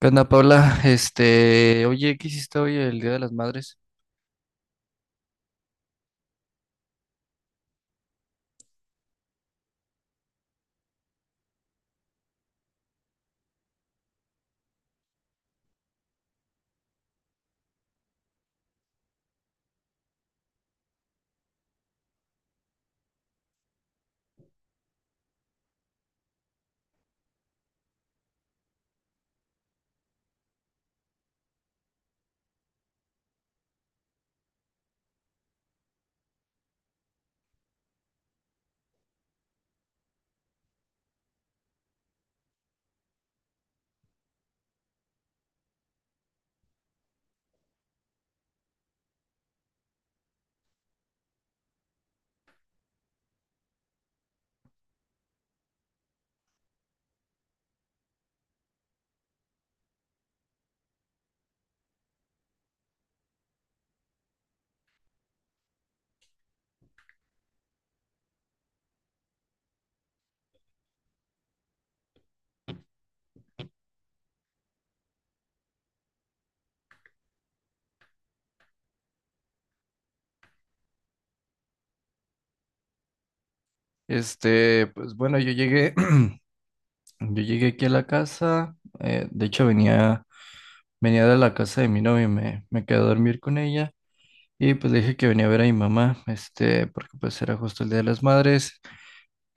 ¿Qué onda, Paula? Oye, ¿qué hiciste hoy el Día de las Madres? Pues bueno, yo llegué, yo llegué aquí a la casa, de hecho venía de la casa de mi novia, y me quedé a dormir con ella y pues le dije que venía a ver a mi mamá, porque pues era justo el Día de las Madres,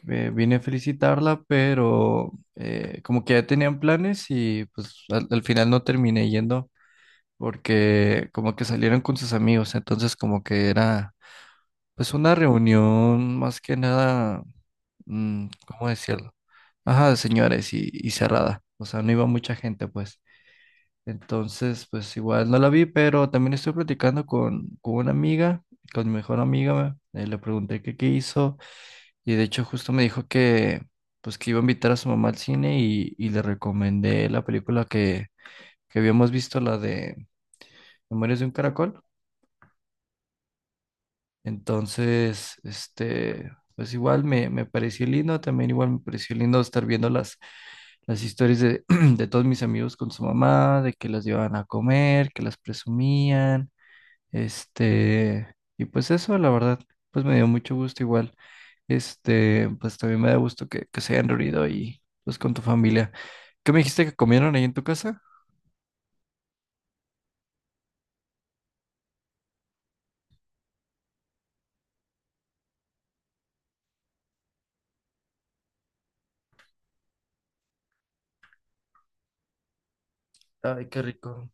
vine a felicitarla, pero como que ya tenían planes y pues al final no terminé yendo porque como que salieron con sus amigos, entonces como que era pues una reunión más que nada, ¿cómo decirlo? Ajá, de señores y cerrada. O sea, no iba mucha gente, pues. Entonces, pues igual no la vi, pero también estoy platicando con una amiga, con mi mejor amiga. Le pregunté que qué hizo y de hecho justo me dijo pues que iba a invitar a su mamá al cine y le recomendé la película que habíamos visto, la de Memorias de un Caracol. Entonces, pues igual me pareció lindo, también igual me pareció lindo estar viendo las historias de de todos mis amigos con su mamá, de que las llevaban a comer, que las presumían, y pues eso, la verdad, pues me dio mucho gusto igual, pues también me da gusto que se hayan reunido ahí pues con tu familia. ¿Qué me dijiste que comieron ahí en tu casa? Ay, qué rico.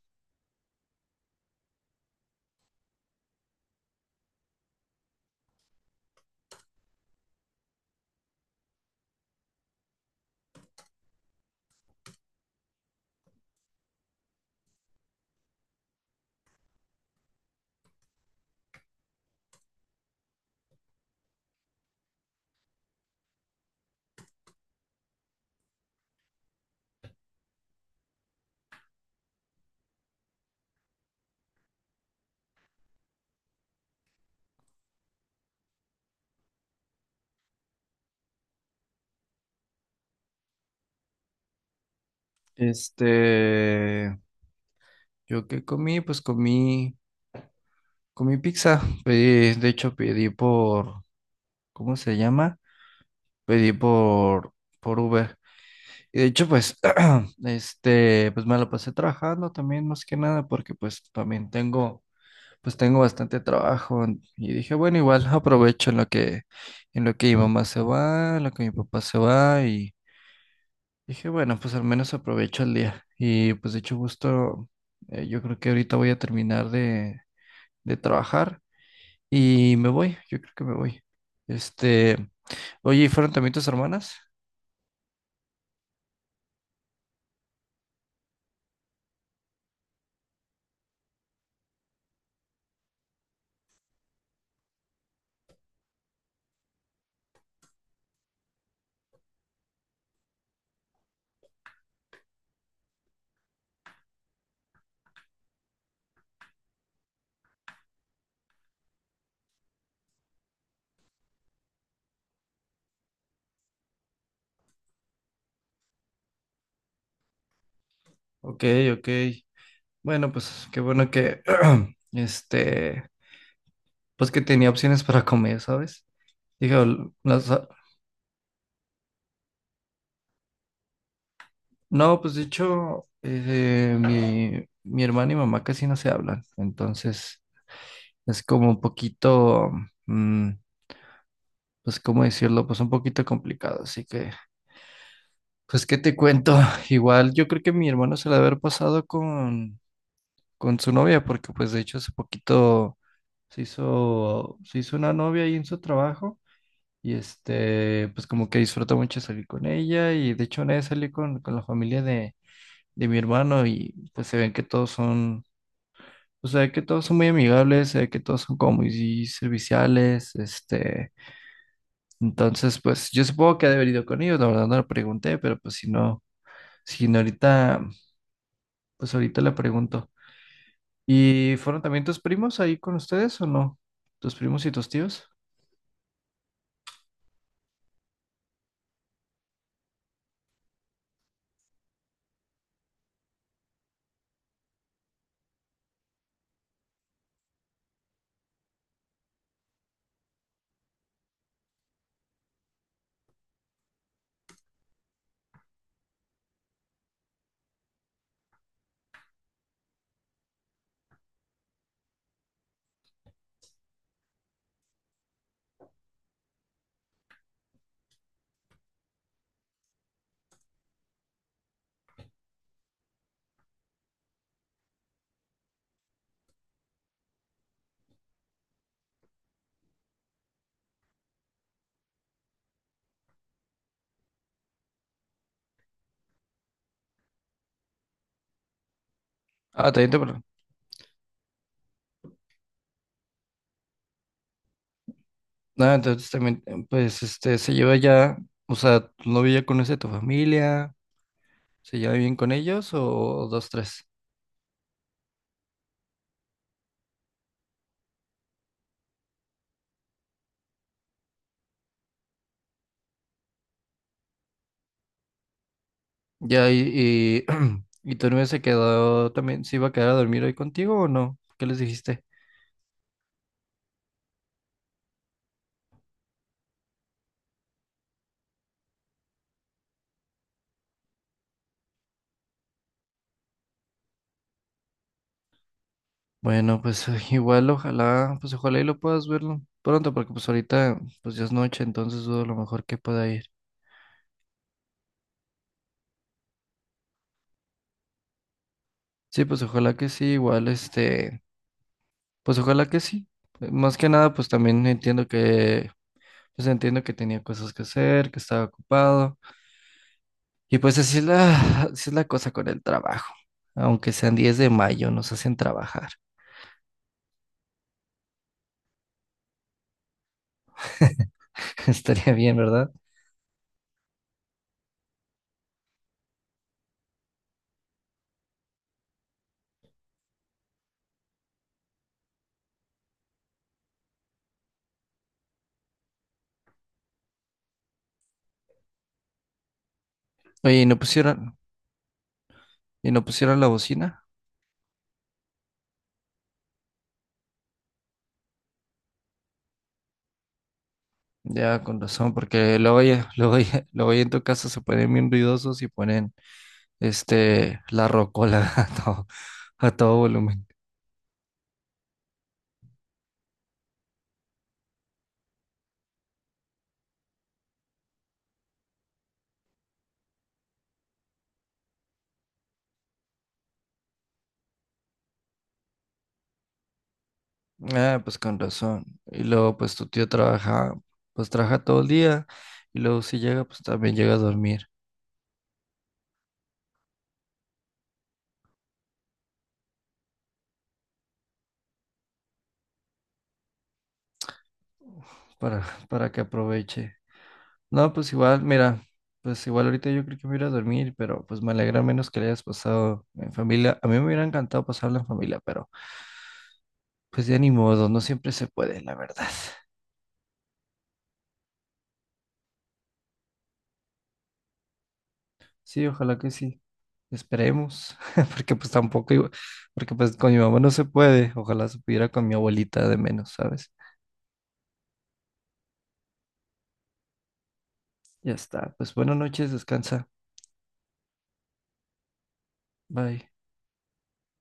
Este, yo qué comí, pues comí. Comí pizza, pedí, de hecho pedí por, ¿cómo se llama? Pedí por Uber. Y de hecho, pues, pues me la pasé trabajando también más que nada, porque pues también pues tengo bastante trabajo. Y dije, bueno, igual aprovecho en lo que mi mamá se va, en lo que mi papá se va, y dije, bueno, pues al menos aprovecho el día. Y pues de hecho, justo, yo creo que ahorita voy a terminar de trabajar. Y me voy, yo creo que me voy. Este, oye, ¿y fueron también tus hermanas? Ok, ok. Bueno, pues qué bueno este, pues que tenía opciones para comer, ¿sabes? Dije, "Ol- las- a-". No, pues de hecho, mi hermana y mamá casi no se hablan, entonces es como un poquito, mm, pues cómo decirlo, pues un poquito complicado, así que, pues qué te cuento, igual yo creo que mi hermano se la debe haber pasado con su novia, porque pues de hecho hace poquito se hizo una novia ahí en su trabajo y pues como que disfruta mucho salir con ella y de hecho una vez salí con la familia de mi hermano y pues se ven que todos son, o sea, que todos son muy amigables, se ve que todos son como muy serviciales, entonces pues yo supongo que ha de haber ido con ellos, la verdad no le pregunté, pero pues si no, si no ahorita, pues ahorita le pregunto. ¿Y fueron también tus primos ahí con ustedes o no? ¿Tus primos y tus tíos? Ah, también te... pre- Ah, entonces también, se lleva ya, o sea, tu novio ya conoce tu familia, ¿se lleva bien con ellos o dos, tres? Ya, y, y, y tu novia se quedó también, ¿se iba a quedar a dormir hoy contigo o no? ¿Qué les dijiste? Bueno, pues igual, ojalá, pues ojalá y lo puedas verlo pronto, porque pues ahorita, pues ya es noche, entonces dudo a lo mejor que pueda ir. Sí, pues ojalá que sí, igual, este... Pues ojalá que sí. Más que nada, pues también pues entiendo que tenía cosas que hacer, que estaba ocupado. Y pues así es la cosa con el trabajo. Aunque sean 10 de mayo, nos hacen trabajar. Estaría bien, ¿verdad? Oye, y no pusieron la bocina. Ya, con razón, porque luego ya en tu casa se ponen bien ruidosos y ponen, la rocola a todo volumen. Ah, pues con razón. Y luego, pues trabaja todo el día y luego si llega, pues también llega a dormir para, para que aproveche. No, pues igual, mira, pues igual ahorita yo creo que me voy a ir a dormir, pero pues me alegra menos que le hayas pasado en familia. A mí me hubiera encantado pasarlo en familia, pero pues ya ni modo, no siempre se puede, la verdad. Sí, ojalá que sí. Esperemos, porque pues tampoco, iba- porque pues con mi mamá no se puede, ojalá se pudiera con mi abuelita de menos, ¿sabes? Ya está. Pues buenas noches, descansa. Bye.